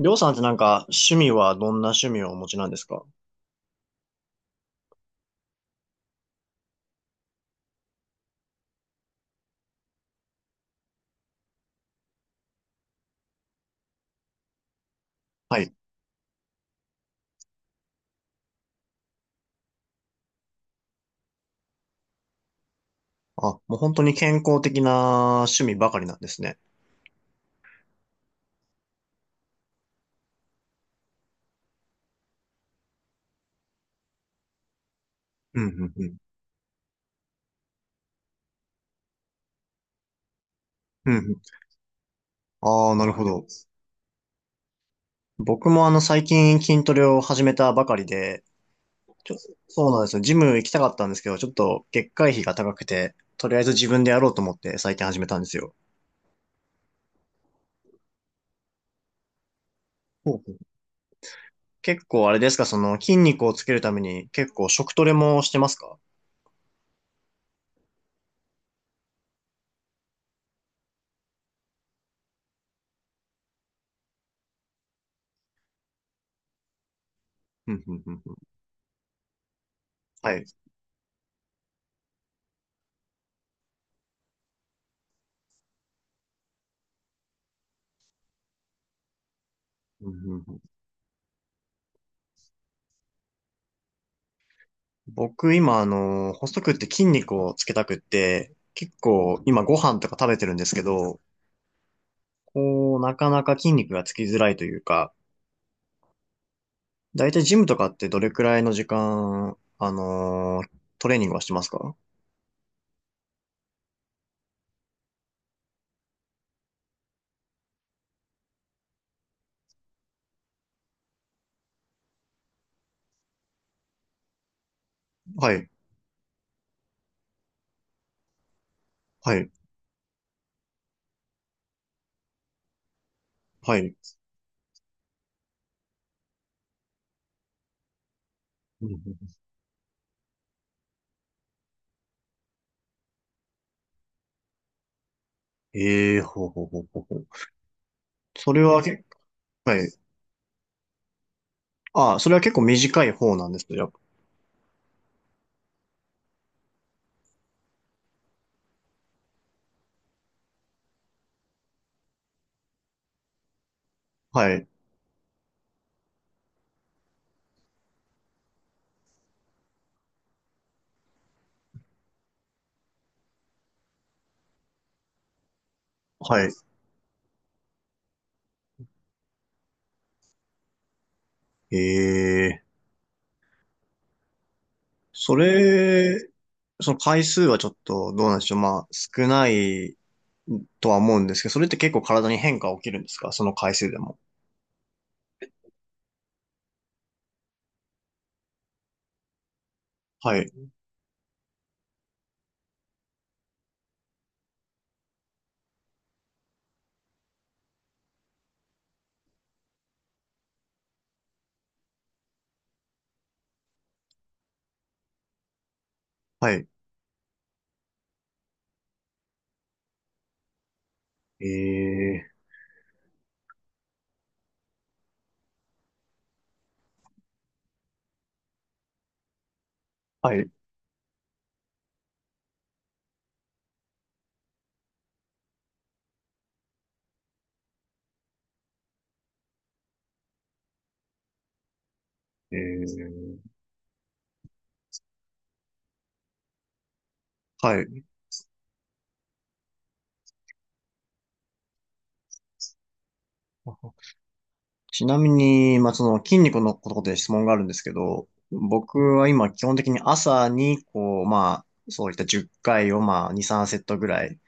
りょうさんってなんか趣味はどんな趣味をお持ちなんですか？はい。あ、もう本当に健康的な趣味ばかりなんですね。うん、うん、うん。うんうん。ああ、なるほど。僕も最近筋トレを始めたばかりで、ちょ、そうなんですよ。ジム行きたかったんですけど、ちょっと月会費が高くて、とりあえず自分でやろうと思って最近始めたんですよ。ほうほう。結構あれですか、その筋肉をつけるために結構食トレもしてますか？うんうんうんうん。はい。僕今、細くって筋肉をつけたくって、結構今ご飯とか食べてるんですけど、こう、なかなか筋肉がつきづらいというか、だいたいジムとかってどれくらいの時間、トレーニングはしてますか？はい、はい、はい。ええー、ほうほうほうほうほう。それはけ、はい。あ、それは結構短い方なんですね。やっぱ、はい、はい。ええー、それ、その回数はちょっとどうなんでしょう。まあ、少ないとは思うんですけど、それって結構体に変化起きるんですか、その回数でも？はい。はい。ええ、はい。えー、はい。ちなみに、まあ、その筋肉のことで質問があるんですけど、僕は今基本的に朝に、こう、まあ、そういった10回をまあ、2、3セットぐらい、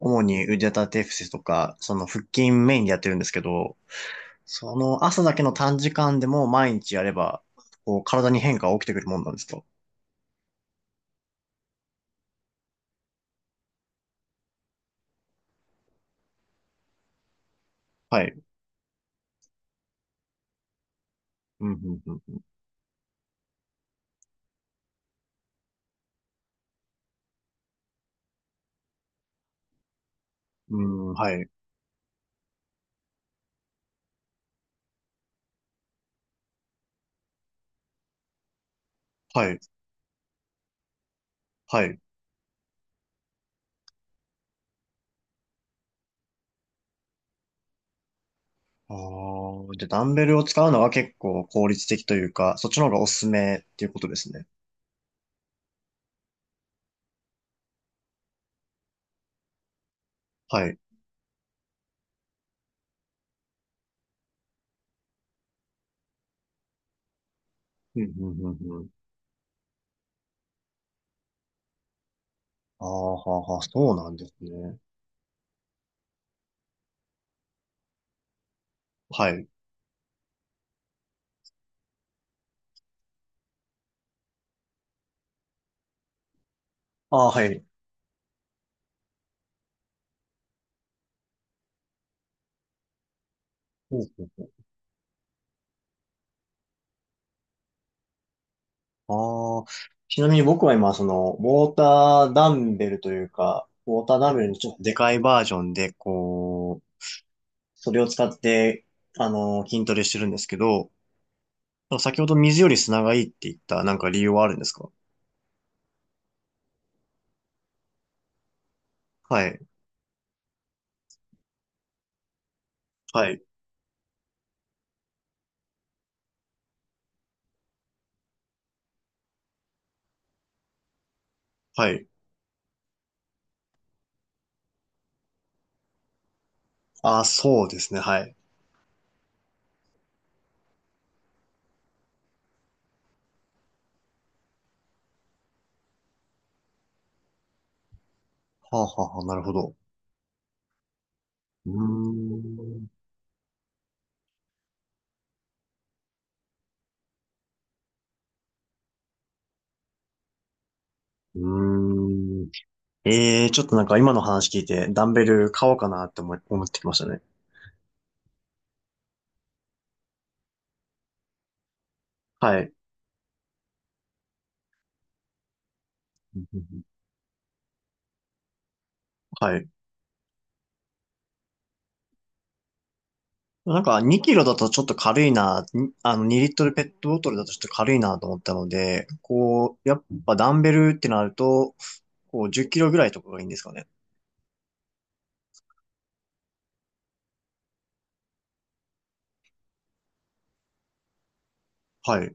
主に腕立て伏せとか、その腹筋メインでやってるんですけど、その朝だけの短時間でも毎日やれば、こう、体に変化が起きてくるもんなんですと。はい。うんうんうんうん、はい、はい、はい。ああ、じゃあダンベルを使うのは結構効率的というか、そっちの方がおすすめっていうことですね。はい。うん、うん、うん、うん。ああ、はあはあ、そうなんですね。はい。ああ、はい。ほうほうほう、ああ、ちなみに僕は今、その、ウォーターダンベルというか、ウォーターダンベルのちょっとでかいバージョンで、こう、それを使って、筋トレしてるんですけど、先ほど水より砂がいいって言った、なんか理由はあるんですか？はい。はい。はい。ああ、そうですね。はい。はあ、はあ、はあ、なるほど。うーん。うーん。ええー、ちょっとなんか今の話聞いて、ダンベル買おうかなって思ってきましたね。はい。うんうんうん、はい。なんか2キロだとちょっと軽いな、にあの2リットルペットボトルだとちょっと軽いなと思ったので、こう、やっぱダンベルってなると、こう10キロぐらいとかがいいんですかね。はい。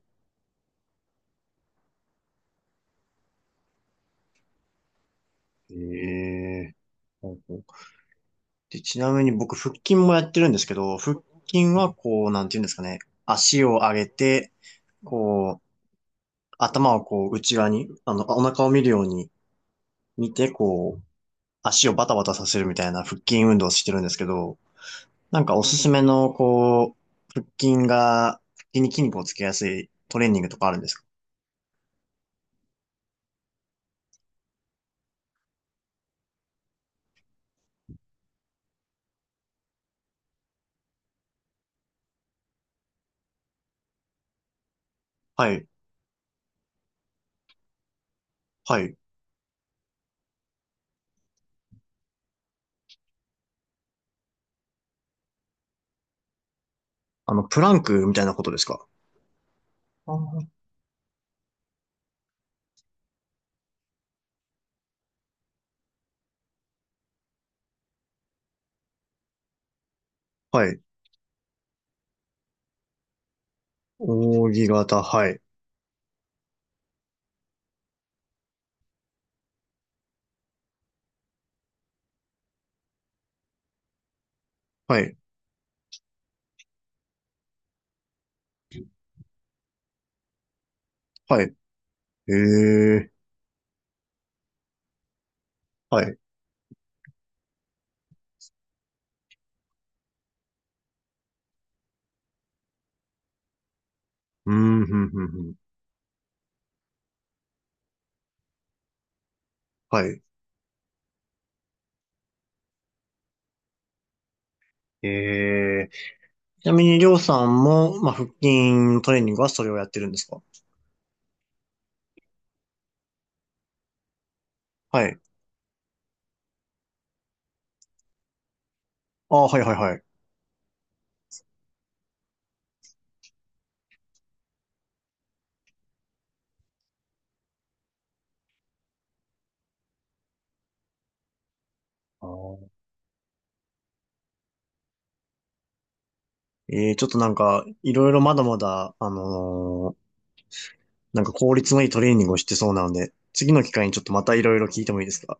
ええー。で、ちなみに僕、腹筋もやってるんですけど、腹筋はこう、なんていうんですかね。足を上げて、こう、頭をこう、内側に、お腹を見るように見て、こう、足をバタバタさせるみたいな腹筋運動をしてるんですけど、なんかおすすめの、こう、腹筋に筋肉をつけやすいトレーニングとかあるんですか？はい。はい。プランクみたいなことですか？あー、はい。扇形、はい。はい。はい。ええ、はい。うーん、ふんふんふん。はい。ええ、ちなみに、りょうさんも、まあ、腹筋トレーニングはそれをやってるんですか？はい。ああ、はいはいはい。あー、ちょっとなんか、いろいろまだまだ、なんか効率のいいトレーニングをしてそうなので、次の機会にちょっとまたいろいろ聞いてもいいですか？